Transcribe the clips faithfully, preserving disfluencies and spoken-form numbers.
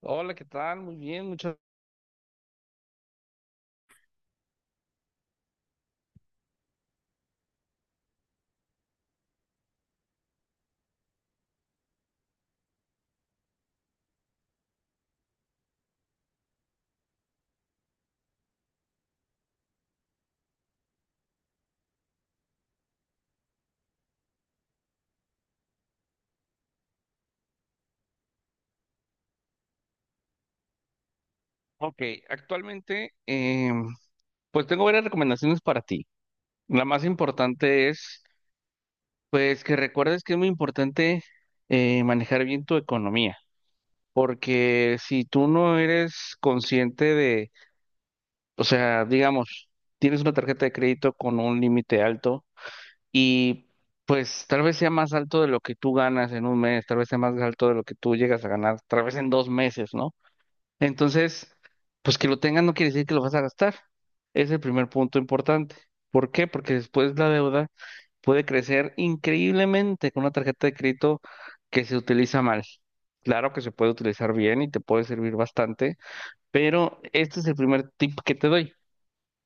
Hola, ¿qué tal? Muy bien, muchas. Ok, actualmente, em, pues tengo varias recomendaciones para ti. La más importante es, pues, que recuerdes que es muy importante eh, manejar bien tu economía, porque si tú no eres consciente de, o sea, digamos, tienes una tarjeta de crédito con un límite alto y, pues, tal vez sea más alto de lo que tú ganas en un mes, tal vez sea más alto de lo que tú llegas a ganar, tal vez en dos meses, ¿no? Entonces, pues que lo tengas no quiere decir que lo vas a gastar. Es el primer punto importante. ¿Por qué? Porque después la deuda puede crecer increíblemente con una tarjeta de crédito que se utiliza mal. Claro que se puede utilizar bien y te puede servir bastante, pero este es el primer tip que te doy,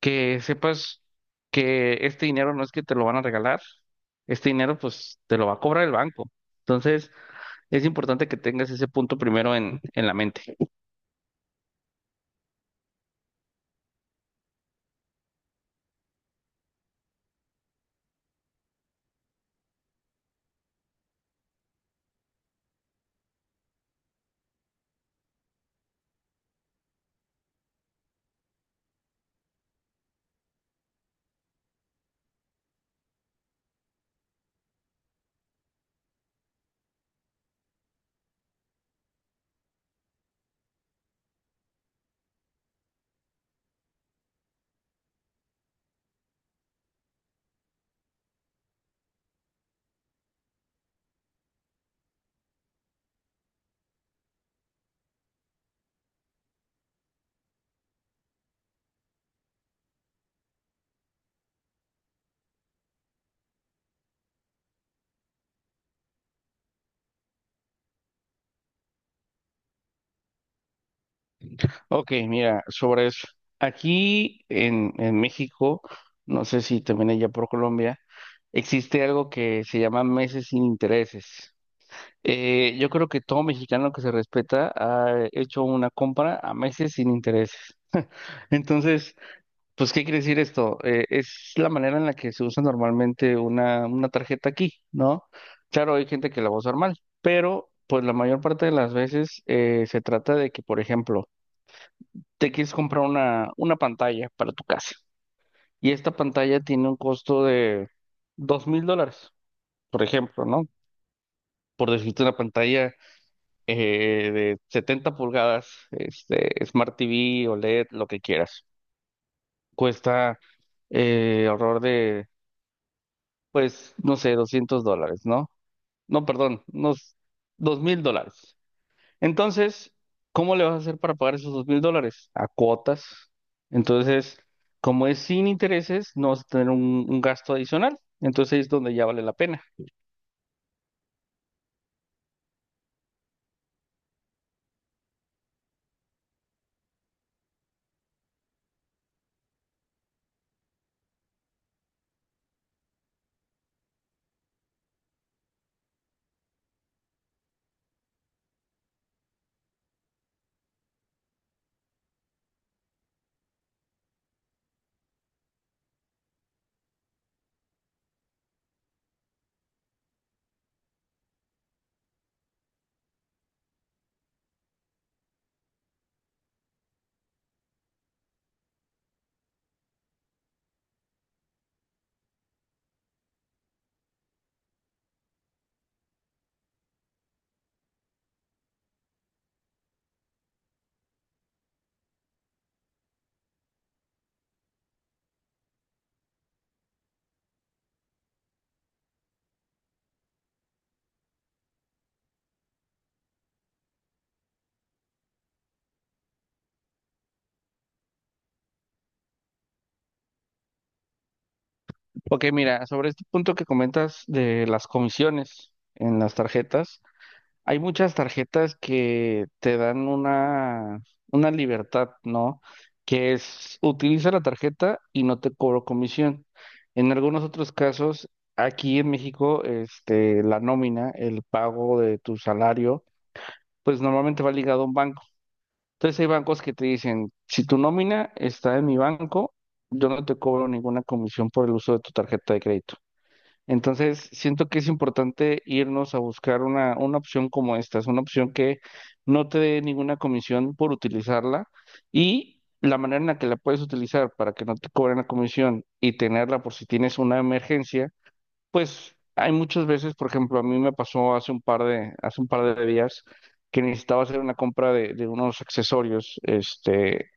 que sepas que este dinero no es que te lo van a regalar, este dinero pues te lo va a cobrar el banco. Entonces, es importante que tengas ese punto primero en, en la mente. Ok, mira, sobre eso. Aquí en, en México, no sé si también allá por Colombia, existe algo que se llama meses sin intereses. Eh, yo creo que todo mexicano que se respeta ha hecho una compra a meses sin intereses. Entonces, pues, ¿qué quiere decir esto? Eh, es la manera en la que se usa normalmente una, una tarjeta aquí, ¿no? Claro, hay gente que la va a usar mal, pero pues la mayor parte de las veces eh, se trata de que, por ejemplo, te quieres comprar una, una pantalla para tu casa. Y esta pantalla tiene un costo de dos mil dólares, por ejemplo, ¿no? Por decirte una pantalla eh, de setenta pulgadas, este, Smart T V, OLED, lo que quieras. Cuesta eh, alrededor de, pues, no sé, doscientos dólares, ¿no? No, perdón, unos dos mil dólares. Entonces, ¿cómo le vas a hacer para pagar esos dos mil dólares? A cuotas. Entonces, como es sin intereses, no vas a tener un, un gasto adicional. Entonces ahí es donde ya vale la pena. Ok, mira, sobre este punto que comentas de las comisiones en las tarjetas. Hay muchas tarjetas que te dan una, una libertad, ¿no? Que es, utiliza la tarjeta y no te cobro comisión. En algunos otros casos, aquí en México, este, la nómina, el pago de tu salario, pues normalmente va ligado a un banco. Entonces hay bancos que te dicen, si tu nómina está en mi banco, yo no te cobro ninguna comisión por el uso de tu tarjeta de crédito. Entonces, siento que es importante irnos a buscar una, una opción como esta, es una opción que no te dé ninguna comisión por utilizarla y la manera en la que la puedes utilizar para que no te cobren la comisión y tenerla por si tienes una emergencia, pues hay muchas veces, por ejemplo, a mí me pasó hace un par de, hace un par de días que necesitaba hacer una compra de, de unos accesorios, este,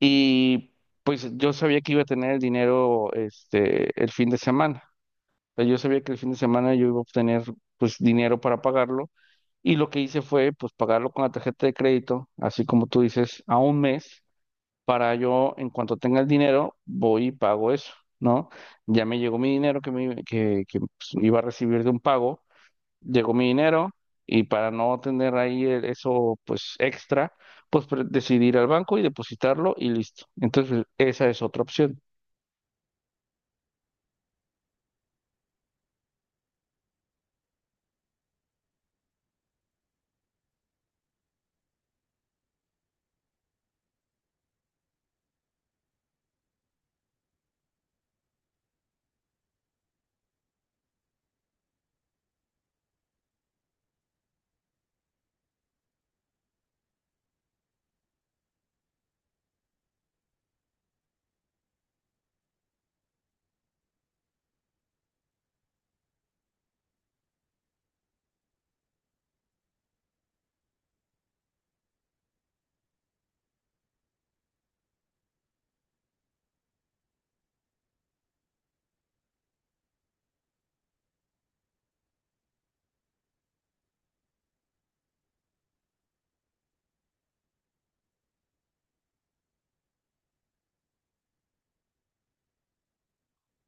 y pues yo sabía que iba a tener el dinero, este, el fin de semana sea, yo sabía que el fin de semana yo iba a obtener pues dinero para pagarlo y lo que hice fue pues pagarlo con la tarjeta de crédito, así como tú dices, a un mes para yo en cuanto tenga el dinero voy y pago eso, ¿no? Ya me llegó mi dinero que, me, que, que, pues, iba a recibir de un pago, llegó mi dinero y para no tener ahí el- eso pues extra, pues pre- decidí ir al banco y depositarlo y listo. Entonces esa es otra opción.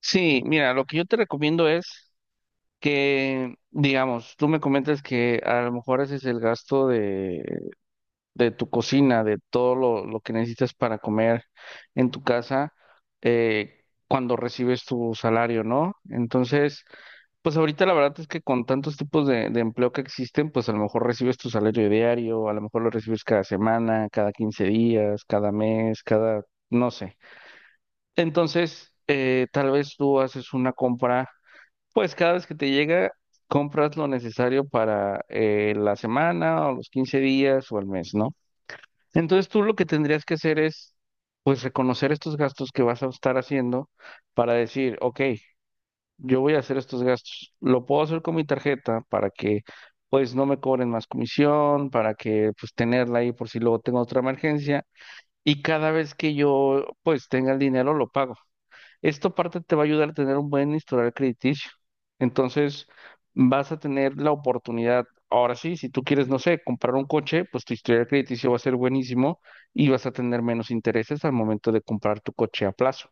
Sí, mira, lo que yo te recomiendo es que, digamos, tú me comentas que a lo mejor ese es el gasto de, de tu cocina, de todo lo, lo que necesitas para comer en tu casa eh, cuando recibes tu salario, ¿no? Entonces, pues ahorita la verdad es que con tantos tipos de, de empleo que existen, pues a lo mejor recibes tu salario diario, a lo mejor lo recibes cada semana, cada quince días, cada mes, cada, no sé. Entonces, eh, tal vez tú haces una compra. Pues cada vez que te llega, compras lo necesario para eh, la semana o los quince días o el mes, ¿no? Entonces tú lo que tendrías que hacer es, pues, reconocer estos gastos que vas a estar haciendo para decir, ok, yo voy a hacer estos gastos. Lo puedo hacer con mi tarjeta para que, pues, no me cobren más comisión, para que, pues, tenerla ahí por si luego tengo otra emergencia. Y cada vez que yo, pues, tenga el dinero, lo pago. Esto parte te va a ayudar a tener un buen historial crediticio. Entonces, vas a tener la oportunidad. Ahora sí, si tú quieres, no sé, comprar un coche, pues tu historial crediticio va a ser buenísimo y vas a tener menos intereses al momento de comprar tu coche a plazo.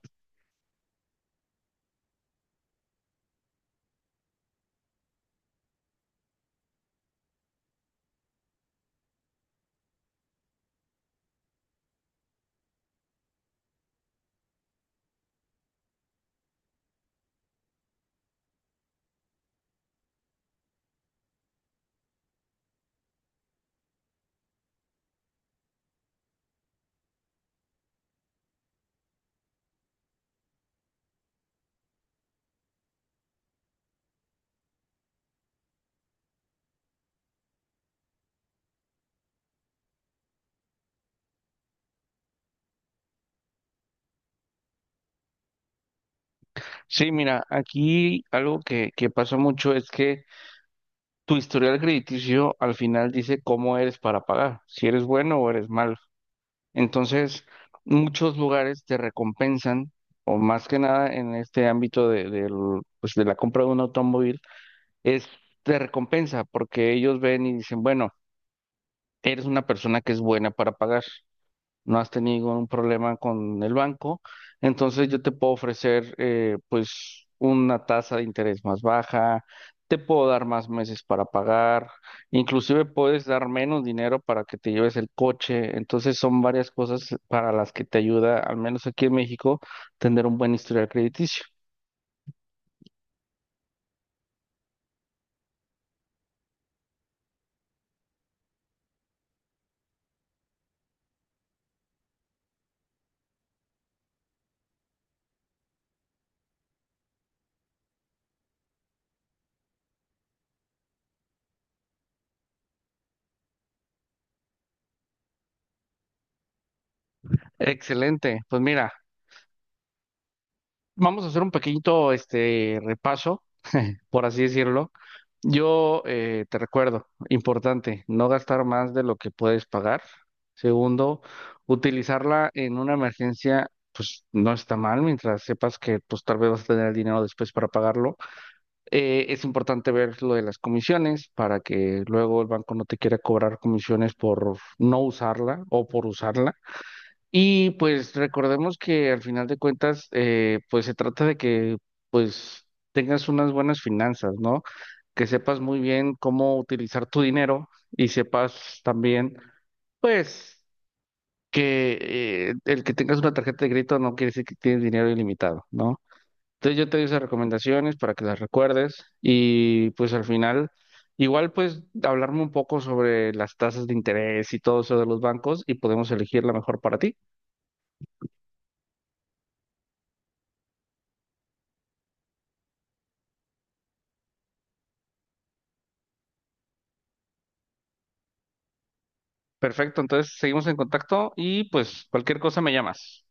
Sí, mira, aquí algo que, que pasa mucho es que tu historial crediticio al final dice cómo eres para pagar, si eres bueno o eres malo. Entonces, muchos lugares te recompensan, o más que nada en este ámbito de, del, pues, de la compra de un automóvil, es te recompensa porque ellos ven y dicen, bueno, eres una persona que es buena para pagar no has tenido ningún problema con el banco, entonces yo te puedo ofrecer eh, pues una tasa de interés más baja, te puedo dar más meses para pagar, inclusive puedes dar menos dinero para que te lleves el coche, entonces son varias cosas para las que te ayuda, al menos aquí en México, tener un buen historial crediticio. Excelente, pues mira, vamos a hacer un pequeñito este repaso por así decirlo. Yo eh, te recuerdo, importante, no gastar más de lo que puedes pagar. Segundo, utilizarla en una emergencia, pues no está mal, mientras sepas que pues tal vez vas a tener el dinero después para pagarlo. Eh, es importante ver lo de las comisiones para que luego el banco no te quiera cobrar comisiones por no usarla o por usarla. Y pues recordemos que al final de cuentas, eh, pues se trata de que pues tengas unas buenas finanzas, ¿no? Que sepas muy bien cómo utilizar tu dinero y sepas también, pues, que eh, el que tengas una tarjeta de crédito no quiere decir que tienes dinero ilimitado, ¿no? Entonces yo te doy esas recomendaciones para que las recuerdes y pues al final, igual pues hablarme un poco sobre las tasas de interés y todo eso de los bancos y podemos elegir la mejor para ti. Perfecto, entonces seguimos en contacto y pues cualquier cosa me llamas.